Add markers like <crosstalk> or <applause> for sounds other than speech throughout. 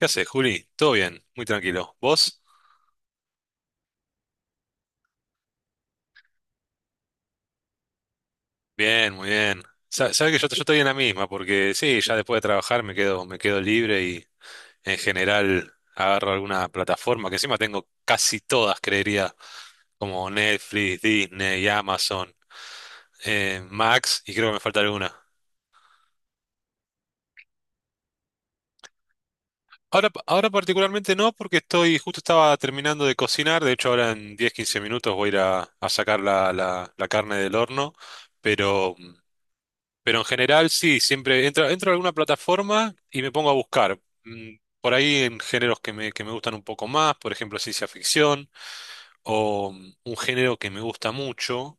¿Qué haces, Juli? Todo bien, muy tranquilo. ¿Vos? Bien, muy bien. Sabés que yo estoy en la misma, porque sí, ya después de trabajar me quedo, libre y en general agarro alguna plataforma, que encima tengo casi todas, creería, como Netflix, Disney, Amazon, Max, y creo que me falta alguna. Ahora particularmente no, porque justo estaba terminando de cocinar. De hecho, ahora en 10, 15 minutos voy a ir a sacar la carne del horno, pero. Pero en general sí, siempre entro a alguna plataforma y me pongo a buscar. Por ahí en géneros que me gustan un poco más, por ejemplo, ciencia ficción, o un género que me gusta mucho,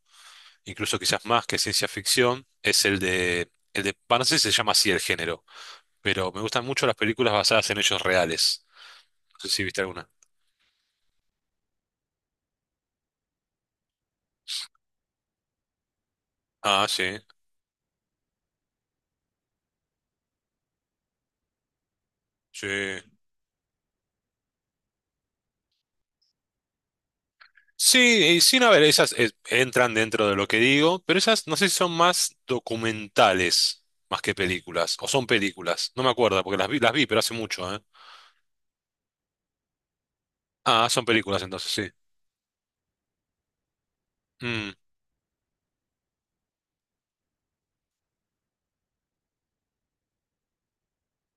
incluso quizás más que ciencia ficción, es no sé si se llama así el género, pero me gustan mucho las películas basadas en hechos reales. No sé si viste alguna. Ah, sí, sí. Sí, y sin a ver, esas entran dentro de lo que digo, pero esas no sé si son más documentales más que películas, o son películas. No me acuerdo porque las vi, pero hace mucho, ¿eh? Ah, son películas entonces, sí. Mm.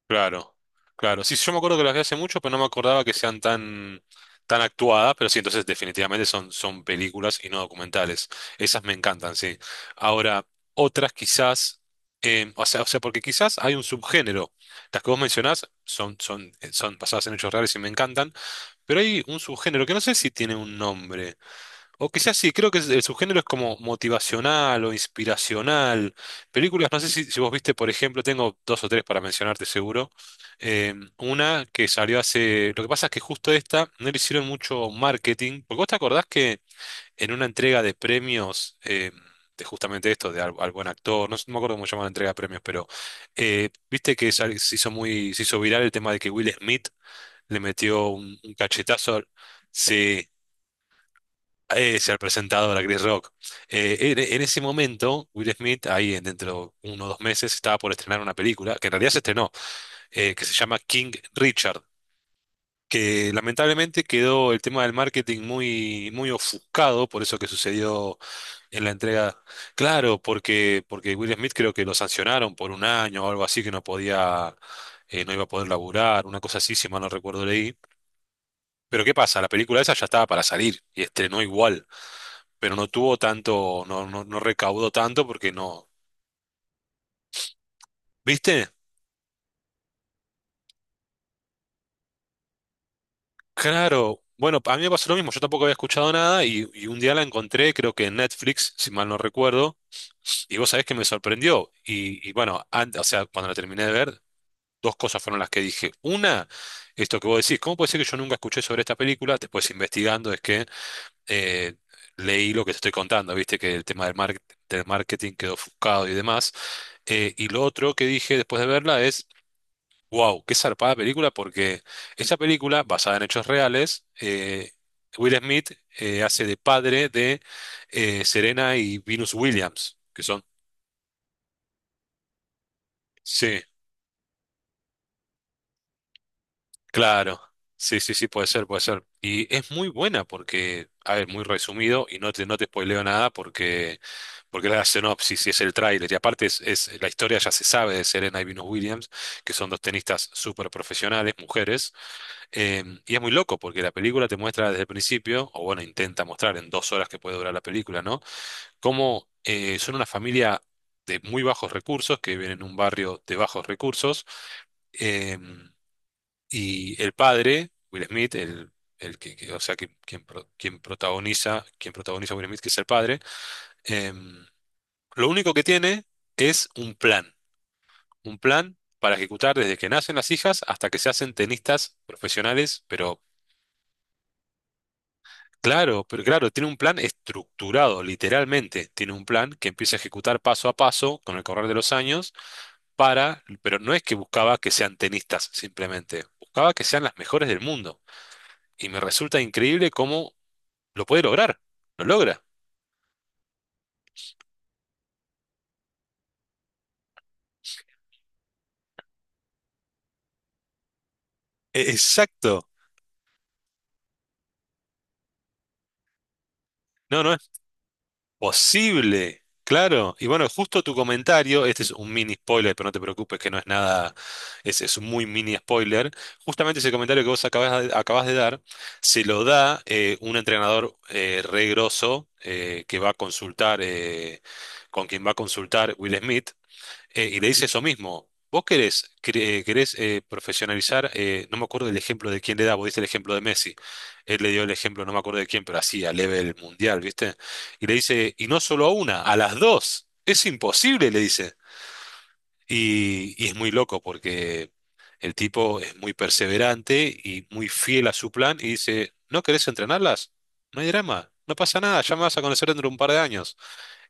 Claro, claro. Sí, yo me acuerdo que las vi hace mucho, pero no me acordaba que sean tan actuadas, pero sí, entonces definitivamente son, son películas y no documentales. Esas me encantan, sí. Ahora, otras quizás, o sea, porque quizás hay un subgénero. Las que vos mencionás son basadas en hechos reales y me encantan, pero hay un subgénero que no sé si tiene un nombre. O quizás sí, creo que el subgénero es como motivacional o inspiracional. Películas, no sé si vos viste, por ejemplo. Tengo dos o tres para mencionarte, seguro. Una que salió hace. Lo que pasa es que justo esta no le hicieron mucho marketing, porque vos te acordás que en una entrega de premios, de justamente esto, de al buen actor. No, no me acuerdo cómo se llama la entrega de premios, pero viste que se hizo viral el tema de que Will Smith le metió un cachetazo. Sí, ser presentador a Chris Rock. En ese momento, Will Smith, ahí dentro de 1 o 2 meses, estaba por estrenar una película, que en realidad se estrenó, que se llama King Richard, que lamentablemente quedó el tema del marketing muy, muy ofuscado por eso que sucedió en la entrega. Claro, porque, Will Smith creo que lo sancionaron por un año o algo así, que no podía, no iba a poder laburar, una cosa así, si mal no recuerdo leí. Pero ¿qué pasa? La película esa ya estaba para salir y estrenó igual, pero no tuvo tanto, no recaudó tanto porque no. ¿Viste? Claro. Bueno, a mí me pasó lo mismo, yo tampoco había escuchado nada, y y un día la encontré, creo que en Netflix, si mal no recuerdo, y vos sabés que me sorprendió. Y bueno, o sea, cuando la terminé de ver, dos cosas fueron las que dije. Una, esto que vos decís, ¿cómo puede ser que yo nunca escuché sobre esta película? Después, investigando, es que eh, leí lo que te estoy contando, viste que el tema del marketing quedó ofuscado y demás. Y lo otro que dije después de verla es. Wow, qué zarpada película, porque esta película, basada en hechos reales, Will Smith hace de padre de Serena y Venus Williams, que son. Sí, claro. Sí, sí, sí, puede ser, puede ser. Y es muy buena porque, a ver, muy resumido, y no te spoileo nada, porque, porque es la sinopsis y es el tráiler. Y aparte es, la historia ya se sabe de Serena y Venus Williams, que son dos tenistas súper profesionales, mujeres. Em, y es muy loco porque la película te muestra desde el principio, o bueno, intenta mostrar en 2 horas que puede durar la película, ¿no? Cómo son una familia de muy bajos recursos, que viven en un barrio de bajos recursos. em, y el padre, Will Smith, el que, o sea, quien protagoniza a Will Smith, que es el padre. em, lo único que tiene es un plan para ejecutar desde que nacen las hijas hasta que se hacen tenistas profesionales. Claro, pero claro, tiene un plan estructurado, literalmente. Tiene un plan que empieza a ejecutar paso a paso con el correr de los años, para, pero no es que buscaba que sean tenistas simplemente, buscaba que sean las mejores del mundo. Y me resulta increíble cómo lo puede lograr. Lo logra. Exacto. No, no, posible, claro. Y bueno, justo tu comentario, este es un mini spoiler, pero no te preocupes que no es nada, es, un muy mini spoiler. Justamente ese comentario que vos acabas de dar, se lo da un entrenador re grosso que va a consultar, con quien va a consultar Will Smith, y le dice eso mismo. Vos querés profesionalizar, no me acuerdo el ejemplo de quién le da, vos diste el ejemplo de Messi. Él le dio el ejemplo, no me acuerdo de quién, pero así, a nivel mundial, ¿viste? Y le dice, y no solo a una, a las dos. Es imposible, le dice. Y es muy loco porque el tipo es muy perseverante y muy fiel a su plan y dice, ¿no querés entrenarlas? No hay drama, no pasa nada, ya me vas a conocer dentro de un par de años.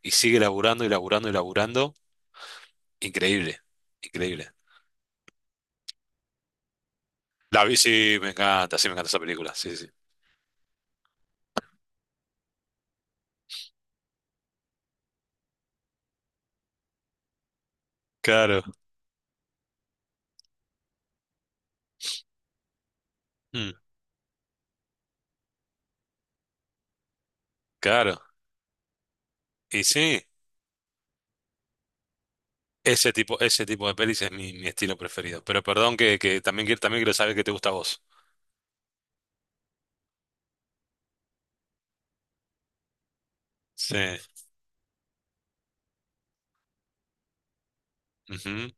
Y sigue laburando y laburando y laburando. Increíble, increíble. La vi, sí, me encanta esa película. Sí, sí. Claro. Mm, claro. Y sí, ese tipo de pelis es mi, mi estilo preferido. Pero perdón, que, también, también quiero saber qué te gusta a vos. Sí. Ujú.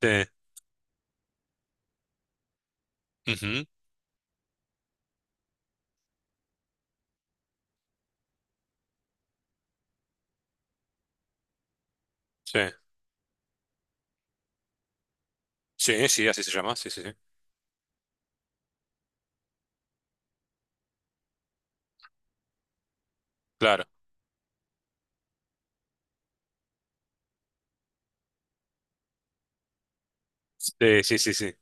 Sí. Ujú, Sí. Sí, sí, así se llama. Sí, sí, sí. Claro. Sí, sí, sí, sí.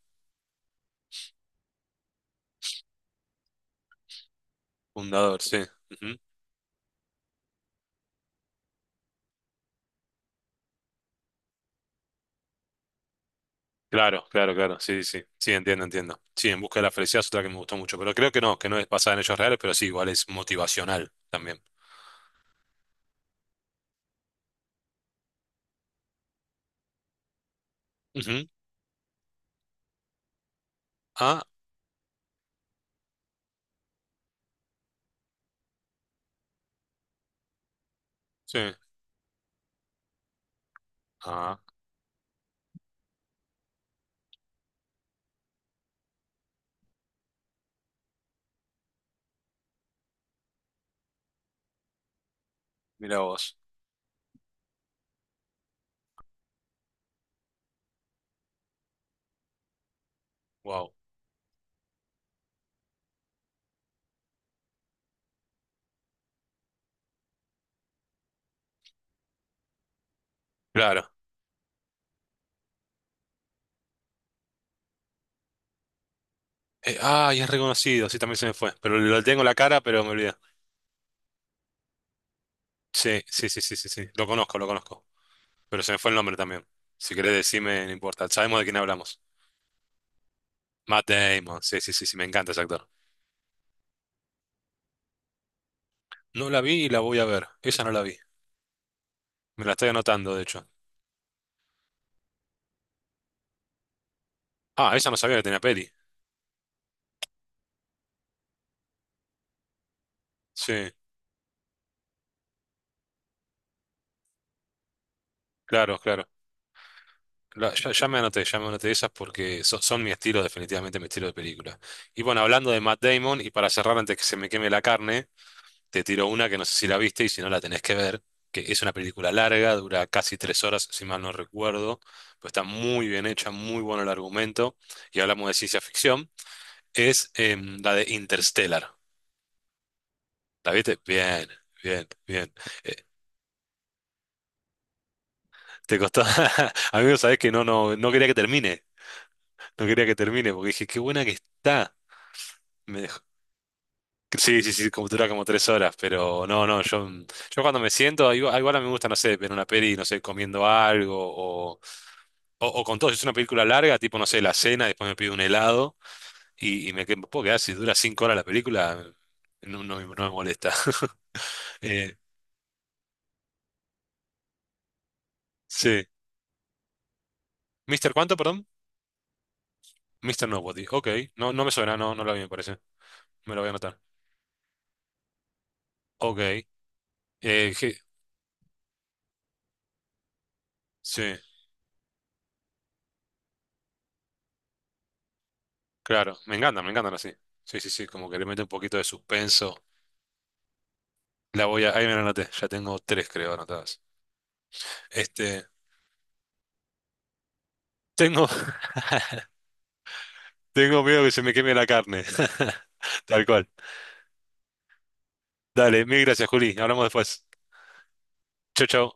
Fundador, sí. Ujú. Claro, claro, claro. Sí, sí, sí. Sí, entiendo, entiendo. Sí, En busca de la felicidad es otra que me gustó mucho. Pero creo que no es basada en hechos reales, pero sí, igual es motivacional también. Ujú. Ah, sí. Ah, mira vos. Wow. Claro. Ah, y es reconocido, sí, también se me fue. Pero lo tengo en la cara, pero me olvidé. Sí, sí, sí, sí, sí, sí. Lo conozco, lo conozco. Pero se me fue el nombre también. Si querés decirme, no importa. Sabemos de quién hablamos. Matt Damon, sí, sí, sí, sí, me encanta ese actor. No la vi y la voy a ver. Esa no la vi. Me la estoy anotando, de hecho. Ah, esa no sabía que tenía peli. Sí, claro, claro. Ya me anoté esas, porque son mi estilo, definitivamente mi estilo de película. Y bueno, hablando de Matt Damon, y para cerrar antes que se me queme la carne, te tiro una que no sé si la viste, y si no, la tenés que ver, que es una película larga, dura casi 3 horas, si mal no recuerdo, pero está muy bien hecha, muy bueno el argumento, y hablamos de ciencia ficción, es la de Interstellar. ¿La viste? Bien, bien, bien. Eh, te costó, <laughs> amigo, sabés que no, no, no quería que termine, no quería que termine, porque dije, qué buena que está. Me dejó. Sí, sí, sí, como dura como 3 horas, pero no, no, yo. Yo, cuando me siento, igual, igual a mí me gusta, no sé, ver una peli, no sé, comiendo algo. O con todo, si es una película larga, tipo, no sé, la cena, después me pido un helado, y puedo quedar, si dura 5 horas la película, no, no, me no me molesta. <laughs> Eh, sí. ¿Mister cuánto, perdón? Mister Nobody. Ok, no, no me suena, no, no la vi, me parece. Me lo voy a anotar. Ok. Eh, je- sí, claro, me encantan así. Sí, sí, sí, como que le mete un poquito de suspenso. La voy a, ahí me la anoté, ya tengo tres, creo, anotadas. Este, tengo, <laughs> tengo miedo que se me queme la carne. <laughs> Tal cual. Dale, mil gracias, Juli. Hablamos después. Chao, chao.